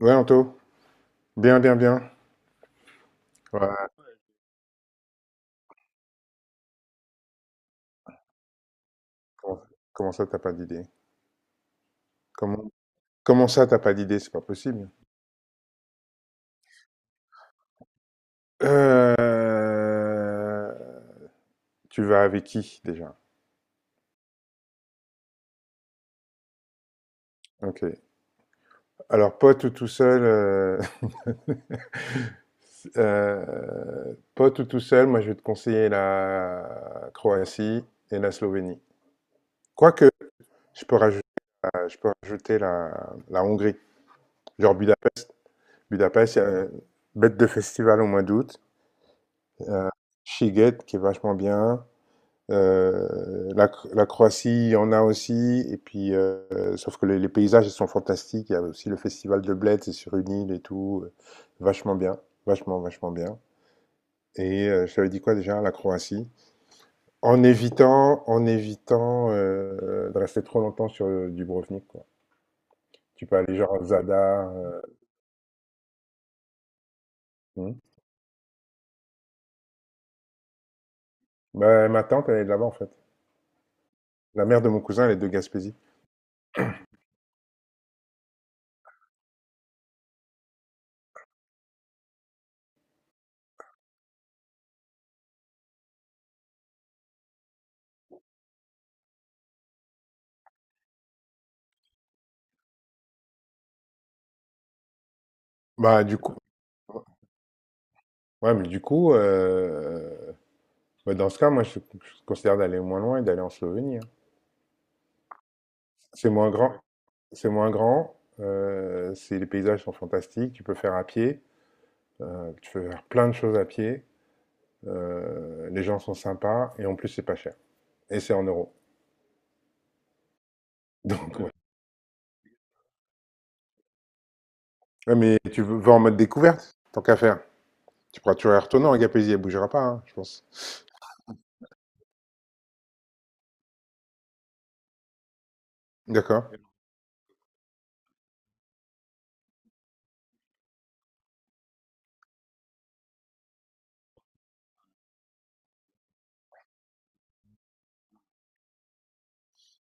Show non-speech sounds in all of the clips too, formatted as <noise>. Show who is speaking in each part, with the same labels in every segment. Speaker 1: Ouais, Anto. Bien, bien, bien. Ouais, comment, comment ça, t'as pas d'idée? Comment, comment ça, t'as pas d'idée? C'est pas possible. Euh, Tu vas avec qui, déjà? Ok. Alors, pote ou tout seul, <laughs> pote ou tout seul, moi, je vais te conseiller la Croatie et la Slovénie. Quoique, je peux rajouter, je peux rajouter la Hongrie. Genre Budapest. Budapest, il y a une bête de festival au mois d'août. Euh, Sziget, qui est vachement bien. La Croatie, il y en a aussi. Et puis, sauf que les paysages, ils sont fantastiques. Il y a aussi le festival de Bled, c'est sur une île et tout. Vachement bien, vachement, vachement bien. Et je t'avais dit quoi déjà, la Croatie? En évitant de rester trop longtemps sur Dubrovnik, quoi. Tu peux aller genre à Zadar. Hmm. Bah, ma tante, elle est de là-bas, en fait. La mère de mon cousin, elle est de Gaspésie. Bah, du coup, ouais, mais du coup, bah, dans ce cas, moi, je considère d'aller moins loin et d'aller en Slovénie. Hein. C'est moins grand, c'est moins grand. Les paysages sont fantastiques. Tu peux faire à pied. Tu peux faire plein de choses à pied. Les gens sont sympas et en plus, c'est pas cher. Et c'est en euros. <laughs> Donc, ouais. Ouais, mais vas en mode découverte, tant qu'à faire. Tu pourras toujours retourner en Gaspésie, elle bougera pas, hein, je pense. D'accord,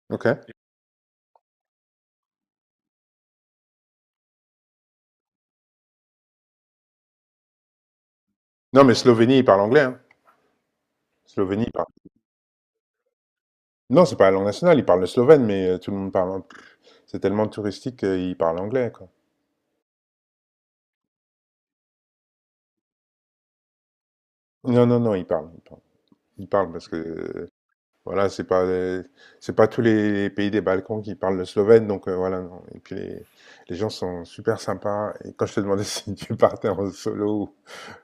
Speaker 1: ok. Non, mais Slovénie, il parle anglais. Hein. Slovénie, il parle… Non, c'est pas la langue nationale, il parle le slovène, mais tout le monde parle… C'est tellement touristique qu'il parle anglais, quoi. Non, non, non, il parle. Il parle parce que, voilà, c'est pas tous les pays des Balkans qui parlent le slovène, donc voilà, non. Et puis, les gens sont super sympas. Et quand je te demandais <laughs> si tu partais en solo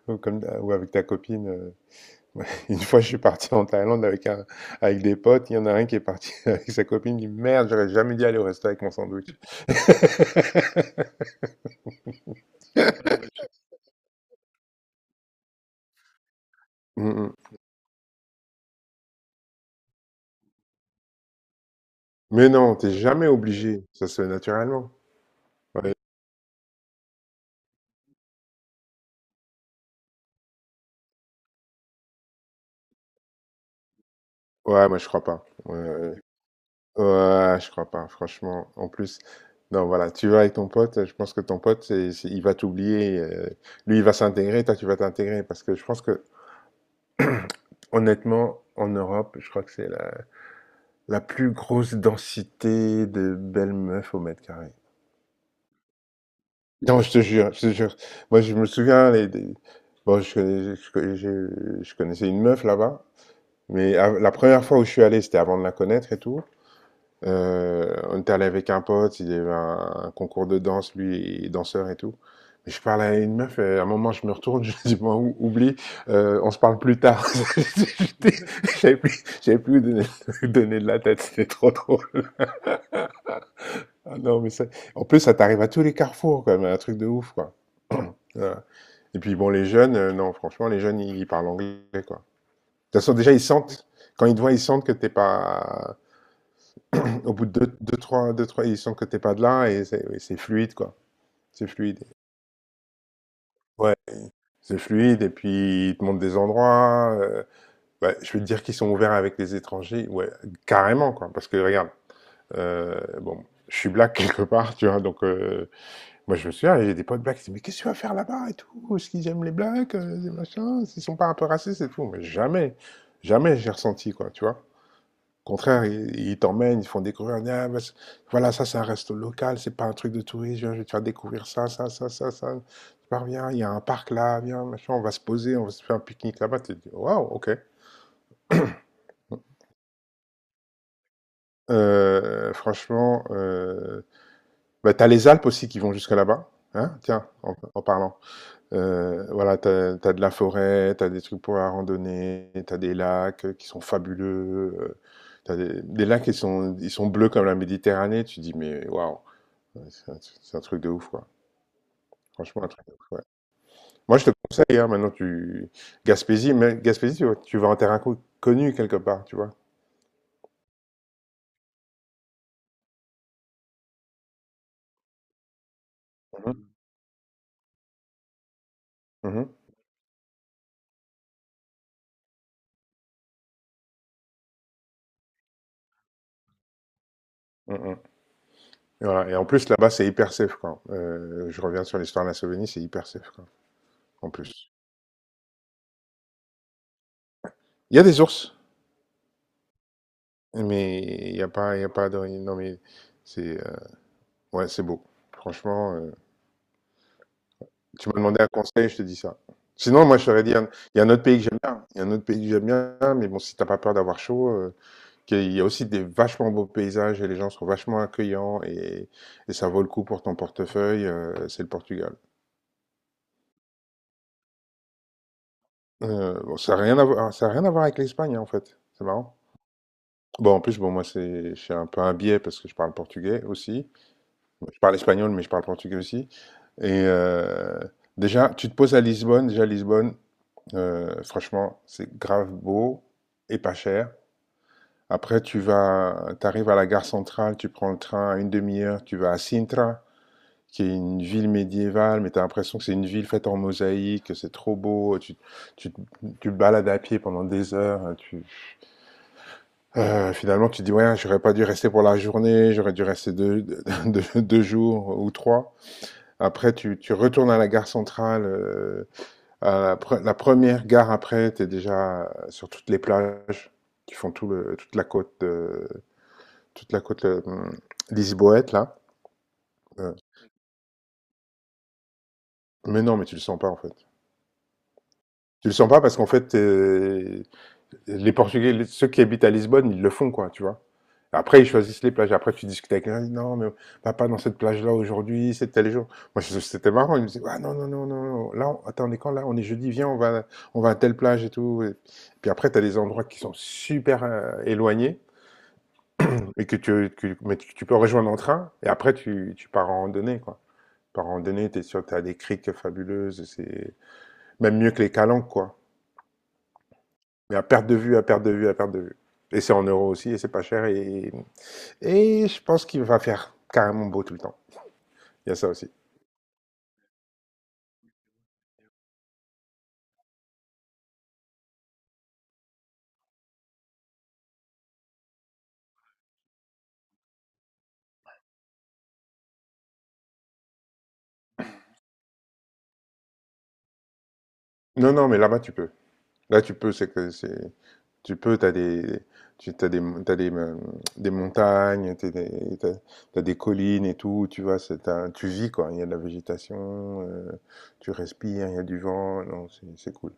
Speaker 1: ou avec ta copine. Ouais, <laughs> une fois, je suis parti en Thaïlande avec un, avec des potes. Il y en a un qui est parti <laughs> avec sa copine. Il dit, merde, j'aurais jamais dû aller au resto avec mon sandwich. <laughs> Mm, mm. Mais non, t'es jamais obligé. Ça se fait naturellement. Ouais, ouais, moi, je crois pas. Ouais, ouais. Ouais, je crois pas, franchement. En plus, non, voilà, tu vas avec ton pote. Je pense que ton pote, il va t'oublier. Lui, il va s'intégrer. Toi, tu vas t'intégrer. Parce que je pense que, honnêtement, en Europe, je crois que c'est la plus grosse densité de belles meufs au mètre carré. Non, je te jure, je te jure. Moi, je me souviens, bon, je connaissais une meuf là-bas, mais la première fois où je suis allé, c'était avant de la connaître et tout. On était allé avec un pote, il y avait un concours de danse, lui, il est danseur et tout. Mais je parle à une meuf, et à un moment, je me retourne, <laughs> je dis, bon, oublie, on se parle plus tard. <laughs> J'étais- J'avais plus, où donner, <laughs> donner de la tête, c'était trop drôle. Ah non, mais ça, en plus, ça t'arrive à tous les carrefours, quoi, mais un truc de ouf, quoi. Ouais. Et puis bon, les jeunes, non, franchement, les jeunes, ils parlent anglais, quoi. De toute façon, déjà, ils sentent, quand ils te voient, ils sentent que t'es pas, au bout de deux, deux, trois, deux, trois, ils sentent que t'es pas de là et c'est fluide, quoi. C'est fluide. Ouais. C'est fluide et puis ils te montrent des endroits. Ouais, je veux te dire qu'ils sont ouverts avec les étrangers, ouais, carrément, quoi. Parce que regarde, bon, je suis black <laughs> quelque part, tu vois, donc moi, je me souviens, j'ai des potes blacks qui disent mais qu'est-ce que tu vas faire là-bas et tout? Est-ce qu'ils aiment les blacks? Des machins? S'ils sont pas un peu racistes et tout? Mais jamais, jamais j'ai ressenti, quoi, tu vois. Au contraire, ils t'emmènent, ils font découvrir. Ils disent, ah, bah, voilà, ça, c'est un resto local, c'est pas un truc de touriste. Viens, je vais te faire découvrir ça, ça, ça, ça, ça. Tu pars, viens, il y a un parc là, viens, machin, on va se poser, on va se faire un pique-nique là-bas. Tu te dis waouh, ok. Franchement, bah, t'as les Alpes aussi qui vont jusque là-bas. Hein? Tiens, en parlant. Voilà, t'as de la forêt, t'as des trucs pour la randonnée, tu des lacs qui sont fabuleux, tu as des lacs ils sont bleus comme la Méditerranée, tu dis mais waouh, ouais, c'est un, truc de ouf, quoi. Franchement, un truc de ouf, ouais. Moi, je te conseille, hein, maintenant, tu… Gaspésie, mais Gaspésie, tu vas en terrain connu quelque part, tu vois. Mhm, mhm, mhm. Et, voilà. Et en plus, là-bas, c'est hyper safe, quoi. Je reviens sur l'histoire de la Slovénie, c'est hyper safe, quoi, en plus. Il y a des ours. Mais il n'y a pas, il a pas de… Non, mais c'est ouais, c'est beau. Franchement, tu m'as demandé un conseil, je te dis ça. Sinon, moi, je t'aurais dit, il y a un autre pays que j'aime bien. Il y a un autre pays que j'aime bien, mais bon, si t'as pas peur d'avoir chaud, qu'il y a aussi des vachement beaux paysages et les gens sont vachement accueillants et ça vaut le coup pour ton portefeuille, c'est le Portugal. Bon, ça a rien à voir avec l'Espagne, hein, en fait. C'est marrant. Bon, en plus, bon, moi, je suis un peu un biais parce que je parle portugais aussi. Je parle espagnol, mais je parle portugais aussi. Et déjà, tu te poses à Lisbonne. Déjà, Lisbonne, franchement, c'est grave beau et pas cher. Après, t'arrives à la gare centrale, tu prends le train à une demi-heure, tu vas à Sintra, qui est une ville médiévale, mais tu as l'impression que c'est une ville faite en mosaïque, que c'est trop beau. Tu, tu te balades à pied pendant des heures. Finalement, tu te dis, ouais, j'aurais pas dû rester pour la journée, j'aurais dû rester <laughs> deux jours ou trois. Après, tu retournes à la gare centrale. La première gare après, tu es déjà sur toutes les plages qui font toute la côte, toute la côte lisboète là. Euh, mais non, mais tu le sens pas en fait. Tu le sens pas parce qu'en fait, les Portugais, ceux qui habitent à Lisbonne, ils le font, quoi, tu vois. Après, ils choisissent les plages. Après, tu discutes avec quelqu'un, non, mais va pas dans cette plage-là aujourd'hui, c'est tel jour. Moi, c'était marrant. Ils me disaient, ah non, non, non, non, non. Là, attends, on est quand là? On est jeudi, viens, on va, à telle plage et tout. Et puis après, tu as des endroits qui sont super éloignés mais tu peux rejoindre en train. Et après, tu pars en randonnée, quoi. Tu pars en randonnée, tu es sûr que tu as des criques fabuleuses. C'est même mieux que les calanques, quoi. Mais à perte de vue, à perte de vue, à perte de vue. Et c'est en euros aussi, et c'est pas cher. Et je pense qu'il va faire carrément beau tout le temps. Il y a ça aussi. Non, non, mais là-bas, tu peux. Là, tu peux, c'est que c'est… Tu peux, t'as des… Tu as des, t'as des, euh, des montagnes, des collines et tout, tu vois, tu vis quoi, il y a de la végétation, tu respires, il y a du vent, non, c'est cool.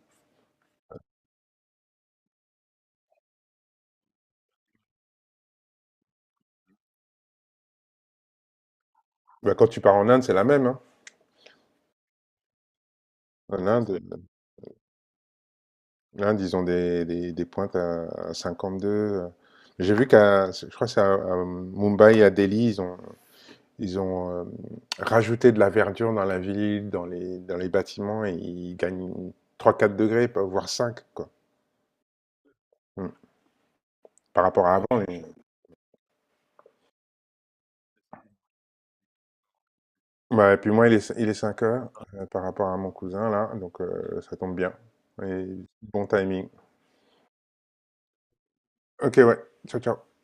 Speaker 1: Bah, quand tu pars en Inde, c'est la même, hein. En Inde, hein, disons des pointes à 52. J'ai vu je crois que c'est à Mumbai et à Delhi, ils ont rajouté de la verdure dans la ville, dans les bâtiments, et ils gagnent trois quatre degrés, voire cinq, quoi. Mm. Par rapport à avant. Ouais, et puis moi, il est 5 heures par rapport à mon cousin, là, donc ça tombe bien. Et bon timing. Ok, ouais. Ciao, ciao.